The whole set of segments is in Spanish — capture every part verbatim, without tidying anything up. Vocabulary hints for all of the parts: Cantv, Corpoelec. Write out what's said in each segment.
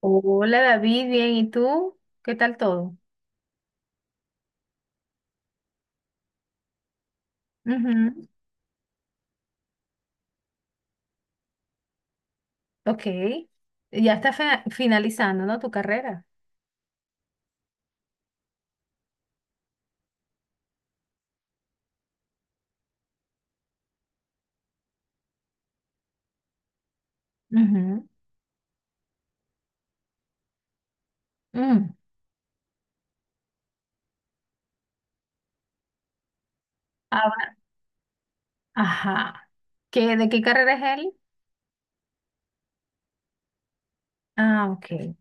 Hola David, bien, ¿y tú? ¿Qué tal todo? Ujú. Ok, ya está fina- finalizando, ¿no? Tu carrera. Ujú. Mm. Ah. Ajá. ¿Qué, de qué carrera es él? Ah, ok.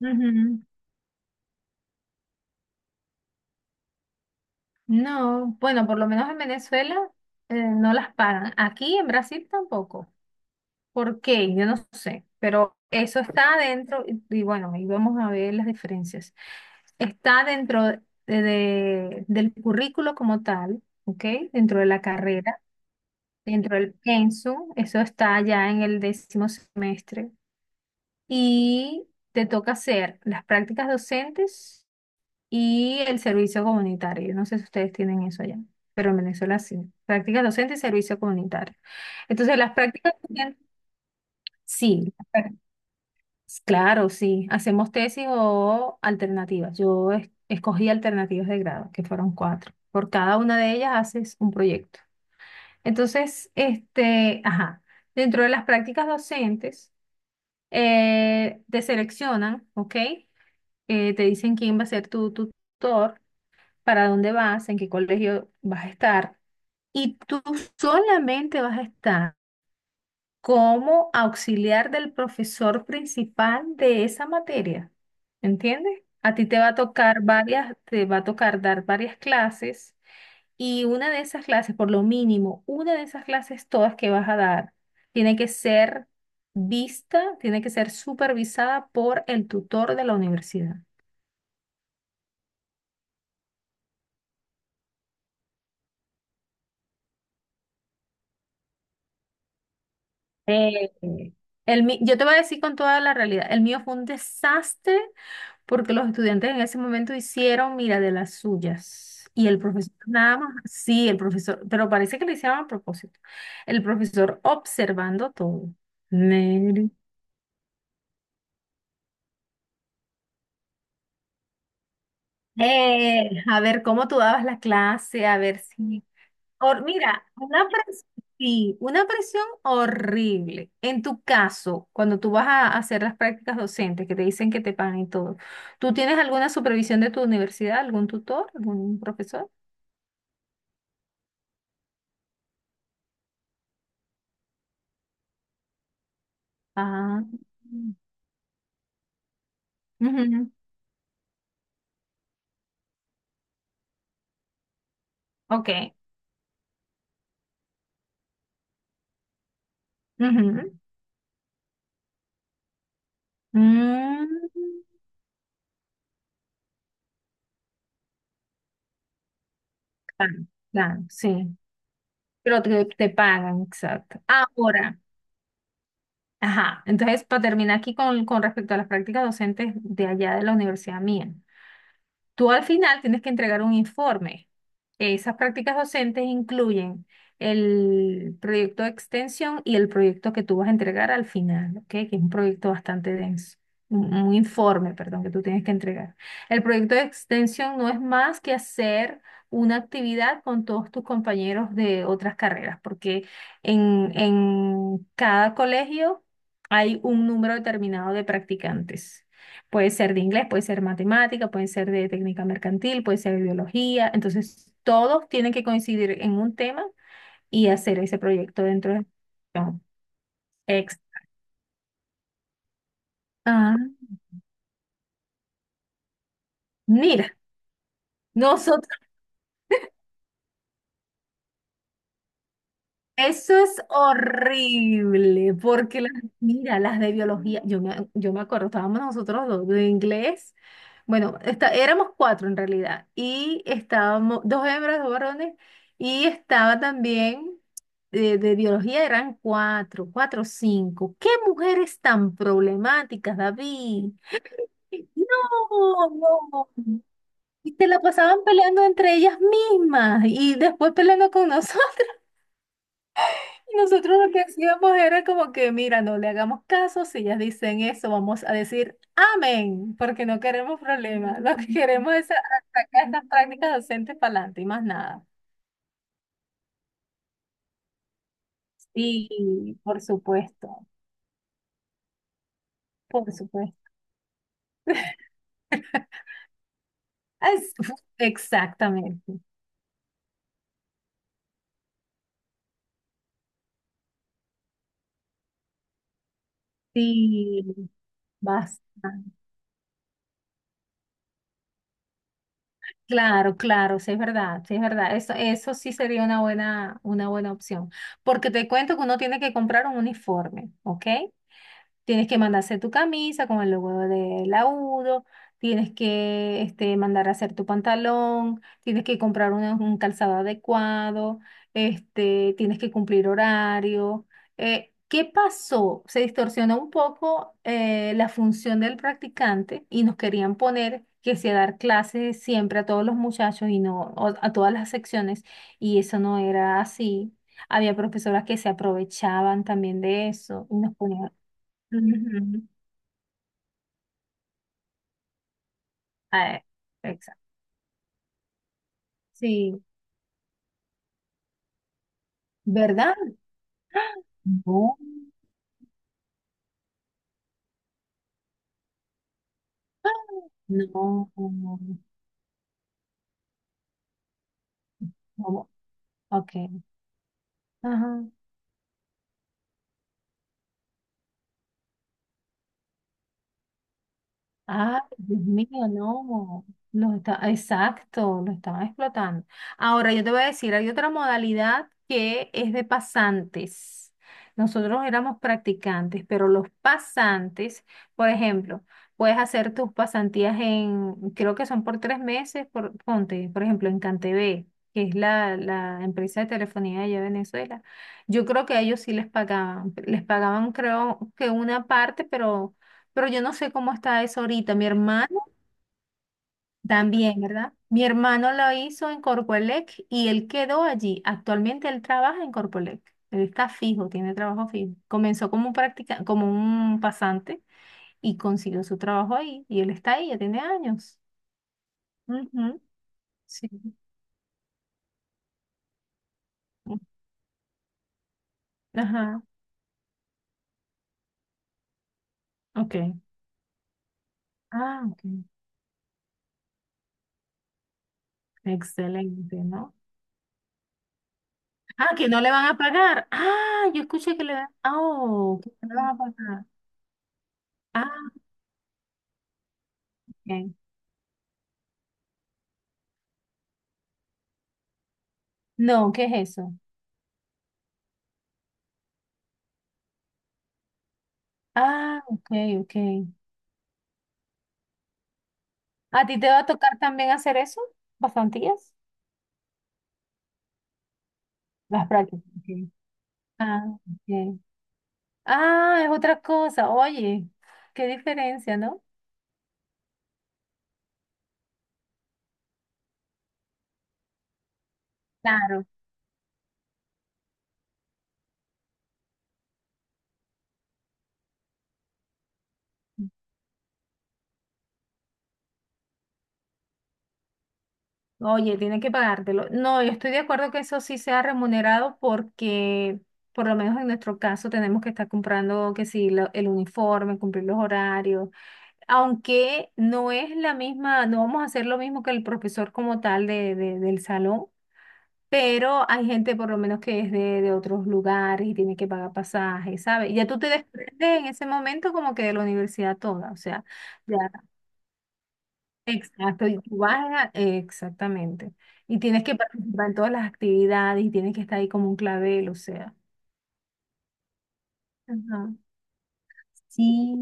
Ujú. No, bueno, por lo menos en Venezuela eh, no las pagan. Aquí en Brasil tampoco. ¿Por qué? Yo no sé, pero eso está adentro y, y bueno, ahí vamos a ver las diferencias. Está dentro de- de- del currículo como tal, ¿ok? Dentro de la carrera, dentro del pensum, eso está ya en el décimo semestre y te toca hacer las prácticas docentes y el servicio comunitario. Yo no sé si ustedes tienen eso allá, pero en Venezuela sí. Prácticas docentes y servicio comunitario. Entonces, las prácticas docentes, sí. Claro, sí, hacemos tesis o alternativas. Yo es- escogí alternativas de grado, que fueron cuatro. Por cada una de ellas haces un proyecto. Entonces, este, ajá, dentro de las prácticas docentes, eh, te seleccionan, ¿ok? Eh, te dicen quién va a ser tu tutor, para dónde vas, en qué colegio vas a estar. Y tú solamente vas a estar como auxiliar del profesor principal de esa materia. ¿Entiendes? A ti te va a tocar varias, te va a tocar dar varias clases y una de esas clases, por lo mínimo, una de esas clases todas que vas a dar, tiene que ser vista, tiene que ser supervisada por el tutor de la universidad. Eh, el, mi- yo te voy a decir con toda la realidad, el mío fue un desastre porque los estudiantes en ese momento hicieron, mira, de las suyas. Y el profesor nada más, sí, el profesor, pero parece que lo hicieron a propósito. El profesor observando todo. Negro. Eh, a ver cómo tú dabas la clase, a ver si Hor- mira, una presión, sí, una presión horrible. En tu caso, cuando tú vas a hacer las prácticas docentes, que te dicen que te pagan y todo, ¿tú tienes alguna supervisión de tu universidad, algún tutor, algún profesor? Ah, ujú, ok. Ujú. Mm, claro, claro, sí. Pero te, te pagan, exacto. Ahora, ajá. Entonces, para terminar aquí con, con respecto a las prácticas docentes de allá de la universidad mía. Tú al final tienes que entregar un informe. Esas prácticas docentes incluyen el proyecto de extensión y el proyecto que tú vas a entregar al final, ¿ok? Que es un proyecto bastante denso, un, un informe, perdón, que tú tienes que entregar. El proyecto de extensión no es más que hacer una actividad con todos tus compañeros de otras carreras, porque en, en cada colegio hay un número determinado de practicantes. Puede ser de inglés, puede ser matemática, puede ser de técnica mercantil, puede ser de biología. Entonces, todos tienen que coincidir en un tema y hacer ese proyecto dentro de... No. Ex. Ah, mira, nosotros. Eso es horrible, porque las, mira, las de biología, yo me, yo me acuerdo, estábamos nosotros dos de inglés, bueno, está, éramos cuatro en realidad, y estábamos, dos hembras, dos varones, y estaba también de, de biología, eran cuatro, cuatro o cinco. ¡Qué mujeres tan problemáticas, David! No, no. Y te la pasaban peleando entre ellas mismas y después peleando con nosotros. Nosotros lo que hacíamos era como que, mira, no le hagamos caso, si ellas dicen eso, vamos a decir amén, porque no queremos problemas, lo que queremos es a- sacar estas prácticas docentes para adelante y más nada. Sí, por supuesto, por supuesto. Es- exactamente. Sí, bastante. Claro, claro, sí es verdad, sí es verdad. Eso, eso sí sería una buena, una buena opción, porque te cuento que uno tiene que comprar un uniforme, ¿ok? Tienes que mandar a hacer tu camisa con el logo de laudo, tienes que este, mandar a hacer tu pantalón, tienes que comprar un, un calzado adecuado, este, tienes que cumplir horario. Eh, ¿qué pasó? Se distorsionó un poco eh, la función del practicante y nos querían poner que sea dar clases siempre a todos los muchachos y no o- a todas las secciones, y eso no era así. Había profesoras que se aprovechaban también de eso y nos ponían. Ujú. Ah, exacto. Sí, ¿verdad? No, no, no, no. Ok. Ajá. Ay, Dios mío, no. Los está, exacto, lo estaban explotando. Ahora yo te voy a decir, hay otra modalidad que es de pasantes. Nosotros éramos practicantes, pero los pasantes, por ejemplo, puedes hacer tus pasantías en, creo que son por tres meses, por, ponte, por ejemplo, en Cantv, que es la, la empresa de telefonía allá de Venezuela. Yo creo que a ellos sí les pagaban, les pagaban creo que una parte, pero pero yo no sé cómo está eso ahorita. Mi hermano también, ¿verdad? Mi hermano lo hizo en Corpoelec y él quedó allí. Actualmente él trabaja en Corpoelec. Él está fijo, tiene trabajo fijo. Comenzó como un practica, como un pasante y consiguió su trabajo ahí. Y él está ahí, ya tiene años. Ujú. Sí. Mm. Ajá. Ok. Ah, ok. Excelente, ¿no? Ah, que no le van a pagar. Ah, yo escuché que le van. Ah, oh, que no le van a pagar. Ah, ok. No, ¿qué es eso? Ah, ok, ok. ¿A ti te va a tocar también hacer eso? ¿Bastantías? Las prácticas. Ok. Ah, ok. Ah, es otra cosa. Oye, qué diferencia, ¿no? Claro. Oye, tiene que pagártelo. No, yo estoy de acuerdo que eso sí sea remunerado porque, por lo menos en nuestro caso, tenemos que estar comprando que sí, lo- el uniforme, cumplir los horarios, aunque no es la misma, no vamos a hacer lo mismo que el profesor como tal de, de- del salón. Pero hay gente por lo menos que es de, de otros lugares y tiene que pagar pasajes, ¿sabes? Y ya tú te desprendes en ese momento como que de la universidad toda, o sea, ya, exacto, y tú vas a- exactamente. Y tienes que participar en todas las actividades y tienes que estar ahí como un clavel, o sea. Ajá. Sí,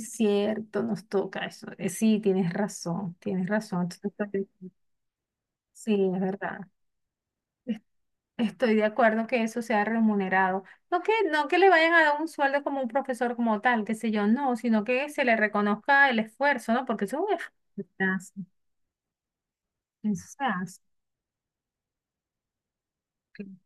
cierto, nos toca eso. Eh, Sí, tienes razón, tienes razón. Entonces, sí, es verdad. Estoy de acuerdo que eso sea remunerado. No que, no que le vayan a dar un sueldo como un profesor como tal, qué sé yo, no, sino que se le reconozca el esfuerzo, ¿no? Porque eso es un esfuerzo. Eso se hace. Claro.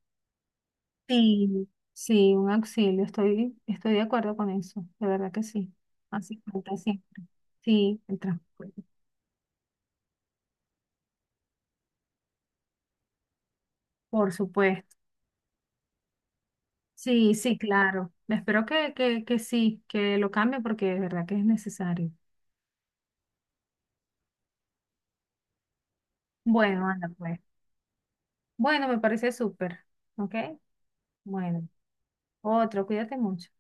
Sí, sí, un auxilio. Estoy, estoy de acuerdo con eso. De verdad que sí. Así falta siempre. Sí, el transporte. Por supuesto. Sí, sí, claro. Espero que, que, que sí, que lo cambie porque de verdad que es necesario. Bueno, anda pues. Bueno, me parece súper. ¿Ok? Bueno, otro, cuídate mucho.